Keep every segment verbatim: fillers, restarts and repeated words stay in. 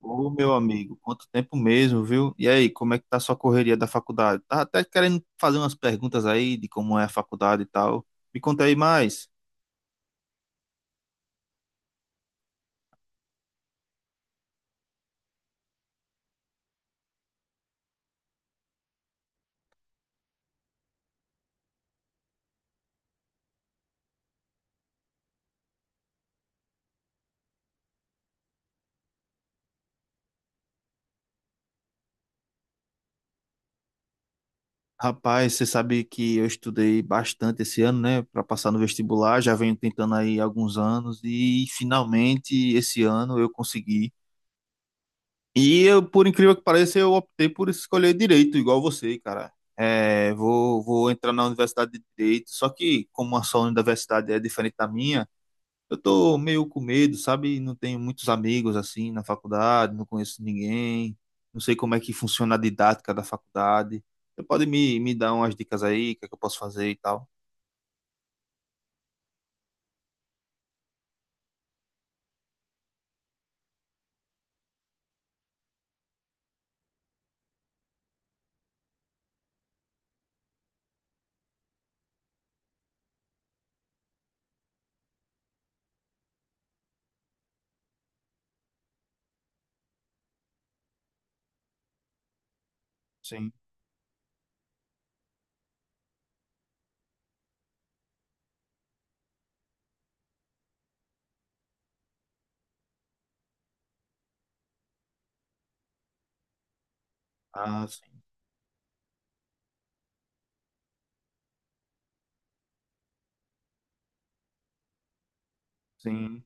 Ô, meu amigo, quanto tempo mesmo, viu? E aí, como é que tá a sua correria da faculdade? Tá até querendo fazer umas perguntas aí de como é a faculdade e tal. Me conta aí mais. Rapaz, você sabe que eu estudei bastante esse ano, né, para passar no vestibular, já venho tentando aí há alguns anos e finalmente esse ano eu consegui. E eu, por incrível que pareça, eu optei por escolher direito, igual você, cara. É, vou, vou entrar na Universidade de Direito, só que como a sua universidade é diferente da minha, eu tô meio com medo, sabe? Não tenho muitos amigos assim na faculdade, não conheço ninguém, não sei como é que funciona a didática da faculdade. Você pode me, me dar umas dicas aí, o que é que eu posso fazer e tal? Sim. Ah, sim, sim.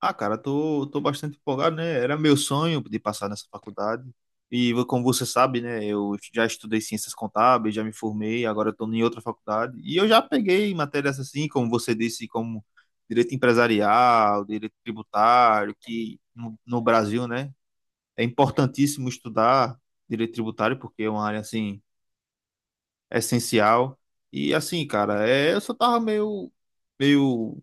Ah, cara, tô, tô bastante empolgado, né? Era meu sonho de passar nessa faculdade. E vo- como você sabe, né? Eu já estudei ciências contábeis, já me formei, agora estou em outra faculdade. E eu já peguei matérias assim, como você disse, como direito empresarial, direito tributário, que no, no Brasil, né? É importantíssimo estudar direito tributário, porque é uma área assim essencial. E assim, cara, é, eu só tava meio, meio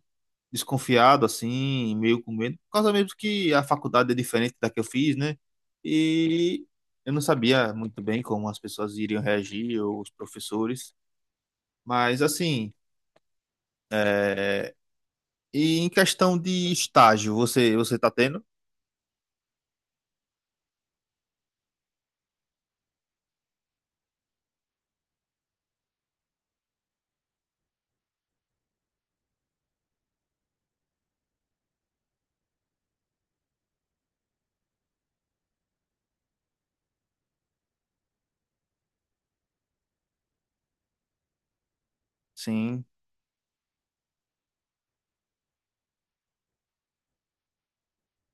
desconfiado, assim, meio com medo, por causa mesmo que a faculdade é diferente da que eu fiz, né? E eu não sabia muito bem como as pessoas iriam reagir, ou os professores, mas assim, é, e em questão de estágio, você você tá tendo? Sim,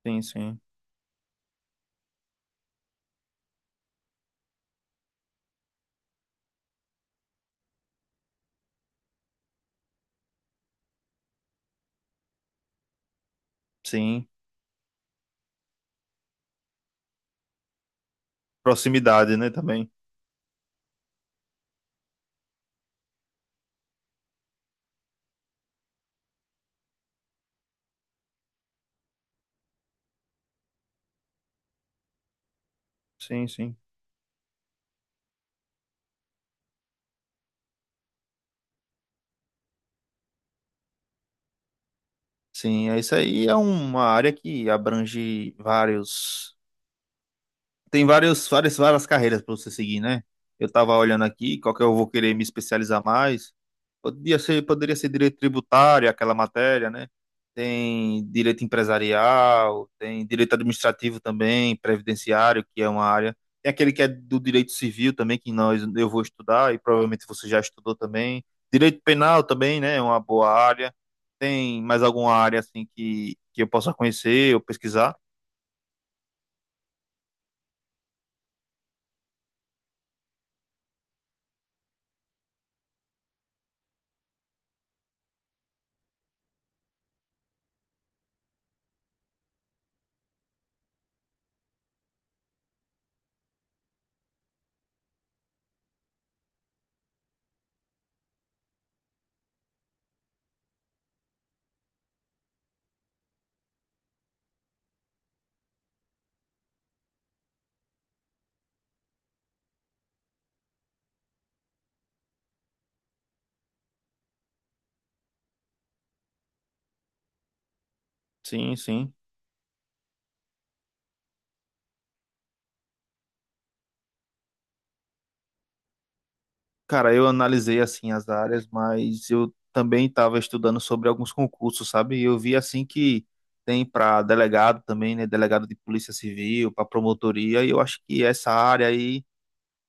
sim, sim, sim. Proximidade, né, também. Sim, sim. Sim, é isso aí, é uma área que abrange vários tem vários, várias, várias carreiras para você seguir, né? Eu tava olhando aqui, qual que eu vou querer me especializar mais. Podia ser, poderia ser direito tributário, aquela matéria, né? Tem direito empresarial, tem direito administrativo também, previdenciário, que é uma área. Tem aquele que é do direito civil também, que nós eu vou estudar e provavelmente você já estudou também. Direito penal também, né? É uma boa área. Tem mais alguma área assim que, que eu possa conhecer ou pesquisar? Sim, sim. Cara, eu analisei assim as áreas, mas eu também estava estudando sobre alguns concursos, sabe? E eu vi assim que tem para delegado também, né? Delegado de Polícia Civil, para promotoria, e eu acho que essa área aí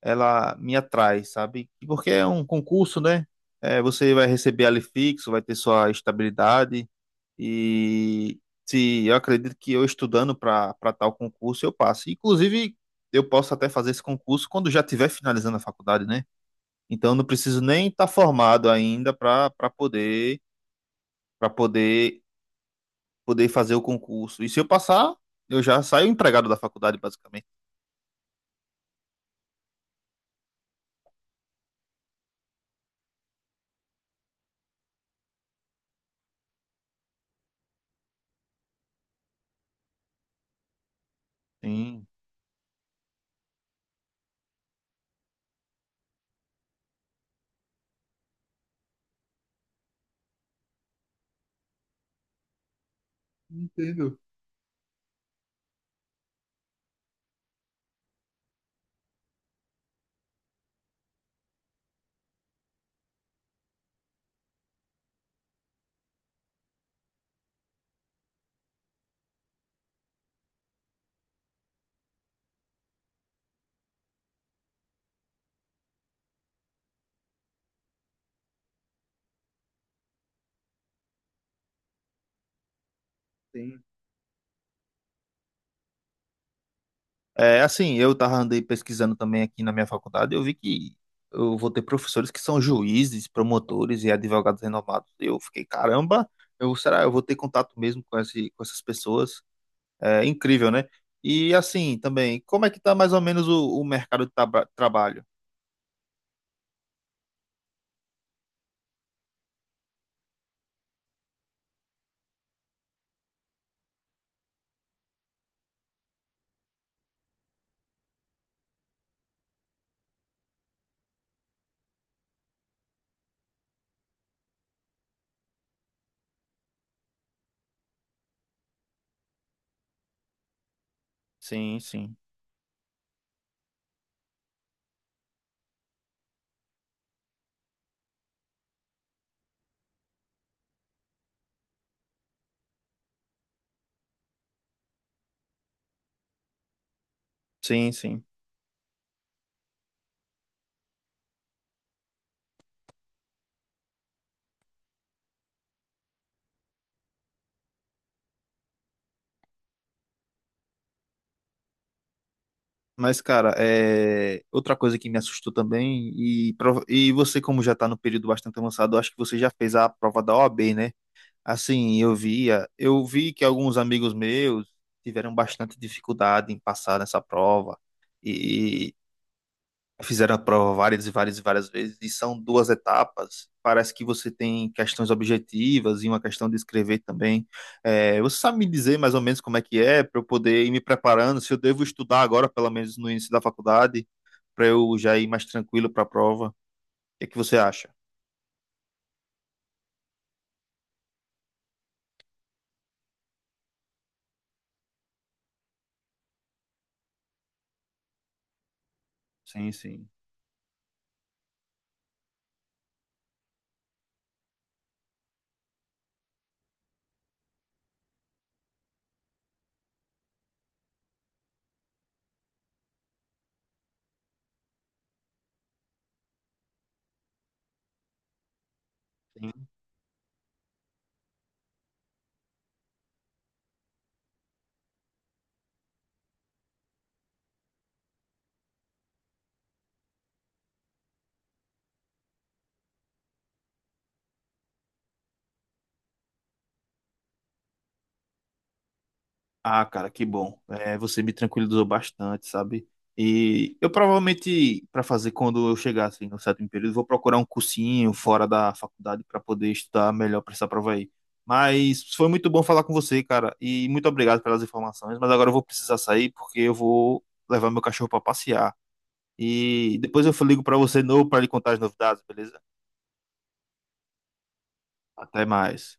ela me atrai, sabe? E porque é um concurso, né? É, você vai receber ali fixo, vai ter sua estabilidade e se eu acredito que eu estudando para para tal concurso eu passo. Inclusive, eu posso até fazer esse concurso quando já estiver finalizando a faculdade, né? Então não preciso nem estar formado ainda para para poder para poder poder fazer o concurso. E se eu passar, eu já saio empregado da faculdade, basicamente. Sim. Entendo. Sim. É assim, eu tava andei pesquisando também aqui na minha faculdade, eu vi que eu vou ter professores que são juízes, promotores e advogados renomados. Eu fiquei, caramba, eu será eu vou ter contato mesmo com esse, com essas pessoas? É incrível, né? E assim, também, como é que tá mais ou menos o, o mercado de traba- trabalho? Sim, sim. Sim, sim. Mas, cara, é, outra coisa que me assustou também, e, prova- e você, como já tá no período bastante avançado, eu acho que você já fez a prova da O A B, né? Assim, eu via, eu vi que alguns amigos meus tiveram bastante dificuldade em passar nessa prova. Fizeram a prova várias e várias e várias vezes, e são duas etapas. Parece que você tem questões objetivas e uma questão de escrever também. É, você sabe me dizer mais ou menos como é que é, para eu poder ir me preparando, se eu devo estudar agora, pelo menos no início da faculdade, para eu já ir mais tranquilo para a prova? O que é que você acha? Sim, sim. Ah, cara, que bom. É, você me tranquilizou bastante, sabe? E eu provavelmente, para fazer quando eu chegar assim, no sétimo período, vou procurar um cursinho fora da faculdade para poder estudar melhor para essa prova aí. Mas foi muito bom falar com você, cara, e muito obrigado pelas informações. Mas agora eu vou precisar sair porque eu vou levar meu cachorro para passear. E depois eu ligo para você de novo para lhe contar as novidades, beleza? Até mais.